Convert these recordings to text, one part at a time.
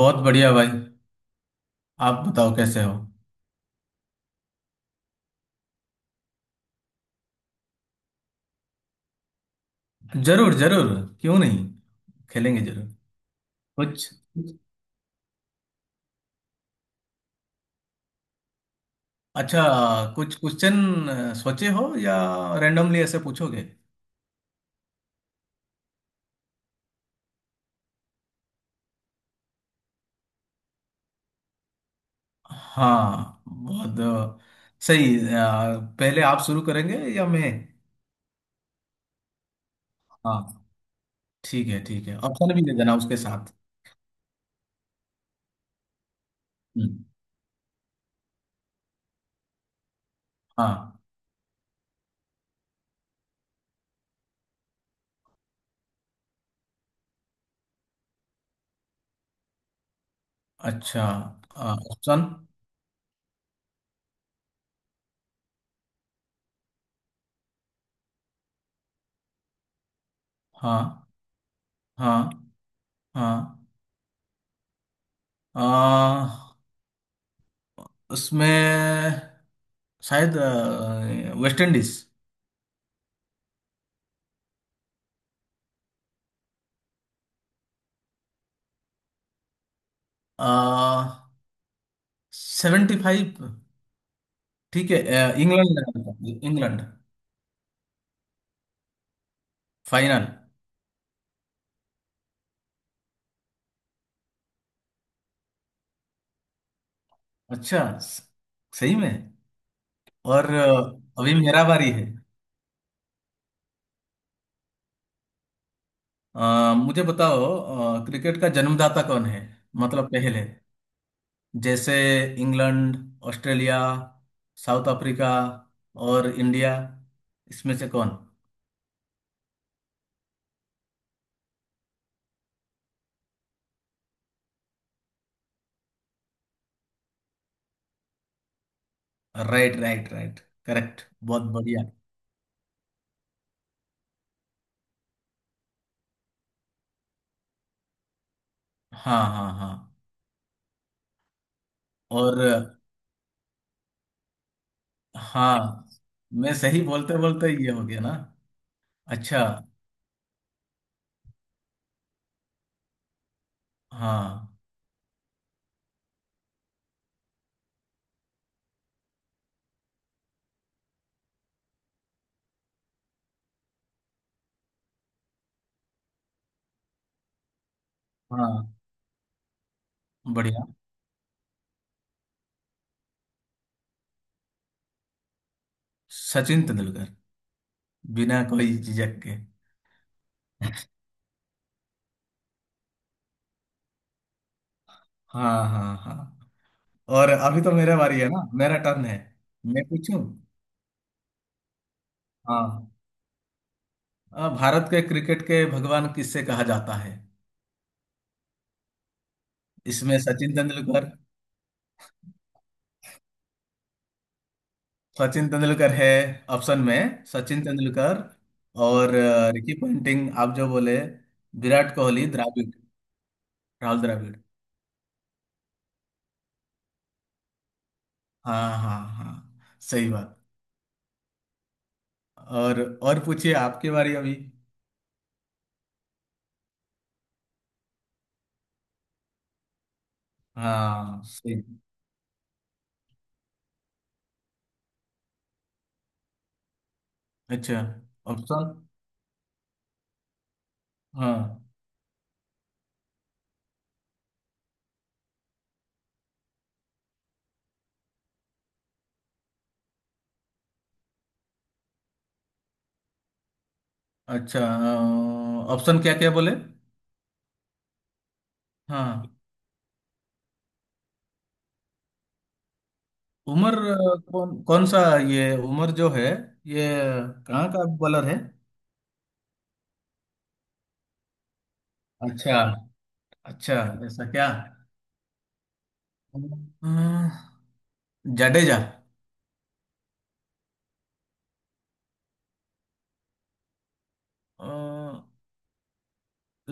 बहुत बढ़िया भाई। आप बताओ कैसे हो। जरूर जरूर, क्यों नहीं। खेलेंगे जरूर। कुछ अच्छा। कुछ क्वेश्चन सोचे हो या रैंडमली ऐसे पूछोगे? हाँ बहुत सही। पहले आप शुरू करेंगे या मैं? हाँ ठीक है ठीक है, ऑप्शन भी दे देना उसके साथ। हम्म, हाँ। अच्छा। अ, ऑप्शन। हाँ हाँ हाँ। अ, उसमें शायद वेस्ट इंडीज। आ, 75 ठीक है। इंग्लैंड ने हारा था, इंग्लैंड। फाइनल। अच्छा। सही में? और अभी मेरा बारी है। मुझे बताओ, क्रिकेट का जन्मदाता कौन है? मतलब पहले। जैसे इंग्लैंड, ऑस्ट्रेलिया, साउथ अफ्रीका और इंडिया। इसमें से कौन? राइट राइट राइट, करेक्ट बहुत बढ़िया। हाँ हाँ हाँ। और हाँ, मैं सही बोलते बोलते ये हो गया ना। अच्छा। हाँ हाँ। बढ़िया। सचिन तेंदुलकर, बिना कोई झिझक के। हाँ हाँ हाँ। और अभी तो मेरा बारी है ना, मेरा टर्न है। मैं पूछूं? हाँ। भारत के क्रिकेट के भगवान किससे कहा जाता है? इसमें सचिन तेंदुलकर। सचिन तेंदुलकर है, ऑप्शन में सचिन तेंदुलकर। और रिकी पंटिंग आप जो बोले, विराट कोहली, द्राविड, राहुल द्राविड। हाँ हाँ हाँ। सही बात। और पूछिए, आपकी बारी अभी। हाँ। सही। अच्छा। ऑप्शन? हाँ। अच्छा, ऑप्शन क्या क्या बोले? हाँ। उमर कौन कौन सा? ये उमर जो है, ये कहाँ का बॉलर है? अच्छा। अच्छा, ऐसा क्या? अ, जाडेजा। अ,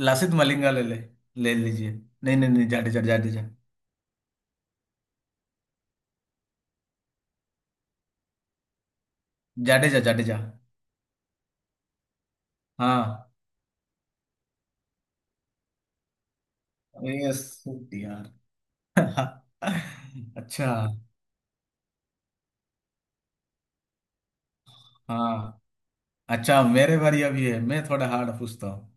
लासित मलिंगा ले ले, ले लीजिए। नहीं नहीं नहीं, जाडेजा जाडेजा। जाडेजा जाडेजा। हाँ। यस यार। अच्छा। हाँ। अच्छा, मेरे बारी अभी है। मैं थोड़ा हार्ड पूछता हूँ।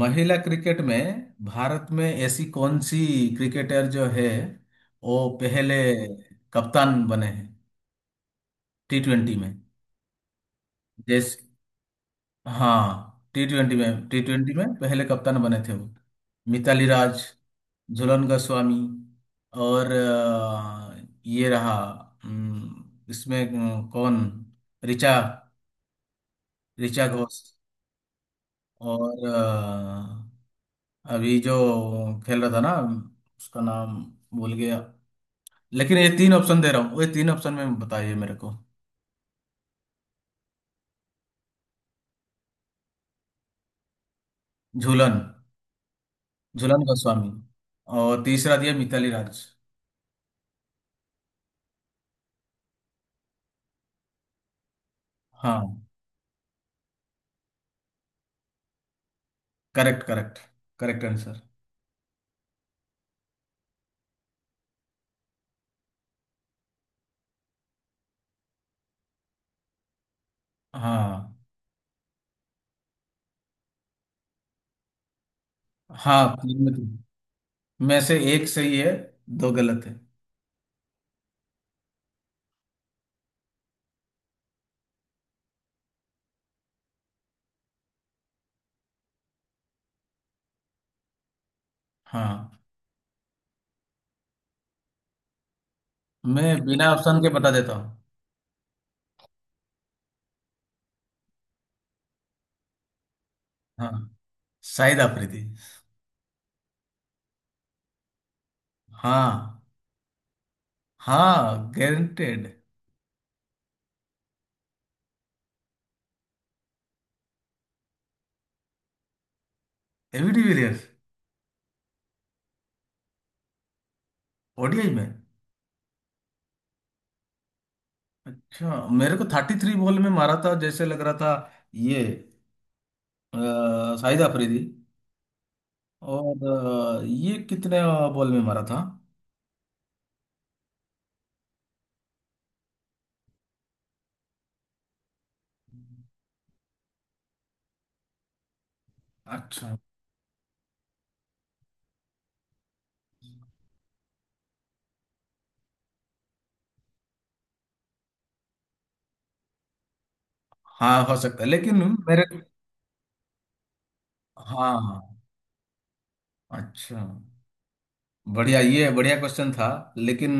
महिला क्रिकेट में भारत में ऐसी कौन सी क्रिकेटर जो है, वो पहले कप्तान बने हैं T20 में? जैसे, हाँ टी ट्वेंटी में, टी ट्वेंटी में पहले कप्तान बने थे वो। मिताली राज, झूलन गोस्वामी, और ये रहा। अम, इसमें कौन? ऋचा, ऋचा घोष। और अभी जो खेल रहा था ना, उसका नाम भूल गया। लेकिन ये तीन ऑप्शन दे रहा हूँ, ये तीन ऑप्शन में बताइए मेरे को। झूलन, झूलन गोस्वामी, और तीसरा दिया मिताली राज। हाँ, करेक्ट करेक्ट, करेक्ट आंसर। हाँ। हाँ तीन में तीन में से एक सही है, दो गलत है। हाँ। मैं बिना ऑप्शन के बता देता हूँ। हाँ, शाहिद आफरीदी। हाँ, हाँ गारंटेड। AB de Villiers? ओडीआई में? अच्छा, मेरे को 33 बॉल में मारा था जैसे लग रहा था ये अ, शाहिद अफरीदी। और ये कितने बॉल में मारा था? अच्छा। हाँ हो सकता है, लेकिन मेरे। हाँ। अच्छा। बढ़िया, ये बढ़िया क्वेश्चन था। लेकिन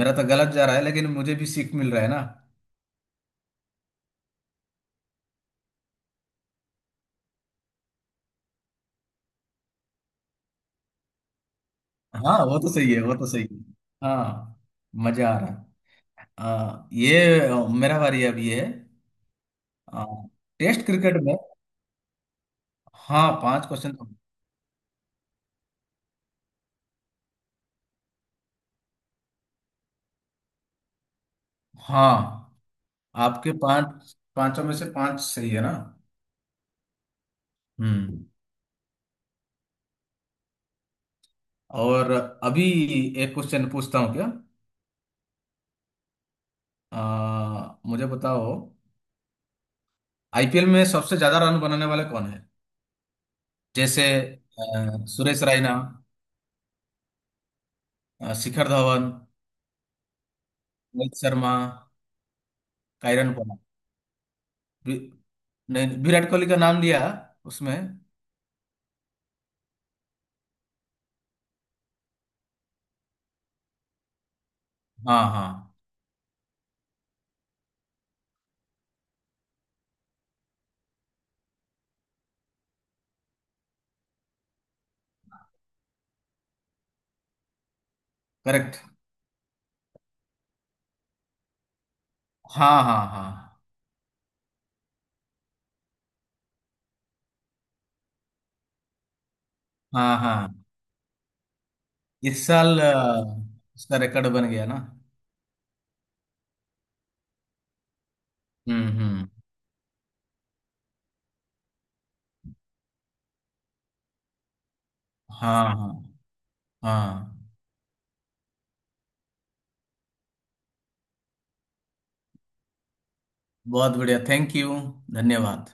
मेरा तो गलत जा रहा है, लेकिन मुझे भी सीख मिल रहा है ना। हाँ वो तो सही है, वो तो सही है। हाँ, मजा आ रहा है। ये मेरा बारी अभी है। आ, टेस्ट क्रिकेट में। हाँ, पांच क्वेश्चन। हाँ, आपके पांच, पांचों में से पांच सही है ना? हम्म। और अभी एक क्वेश्चन पूछता हूँ क्या? मुझे बताओ, आईपीएल में सबसे ज्यादा रन बनाने वाले कौन है? जैसे, सुरेश रायना, शिखर धवन, रोहित शर्मा, कायरन पोला, वि- नहीं, विराट कोहली का नाम लिया उसमें। हाँ हाँ। करेक्ट। हाँ हाँ हाँ। हाँ हाँ। इस साल उसका रिकॉर्ड बन गया ना। हम्म। हाँ हाँ हाँ। बहुत बढ़िया, थैंक यू। धन्यवाद।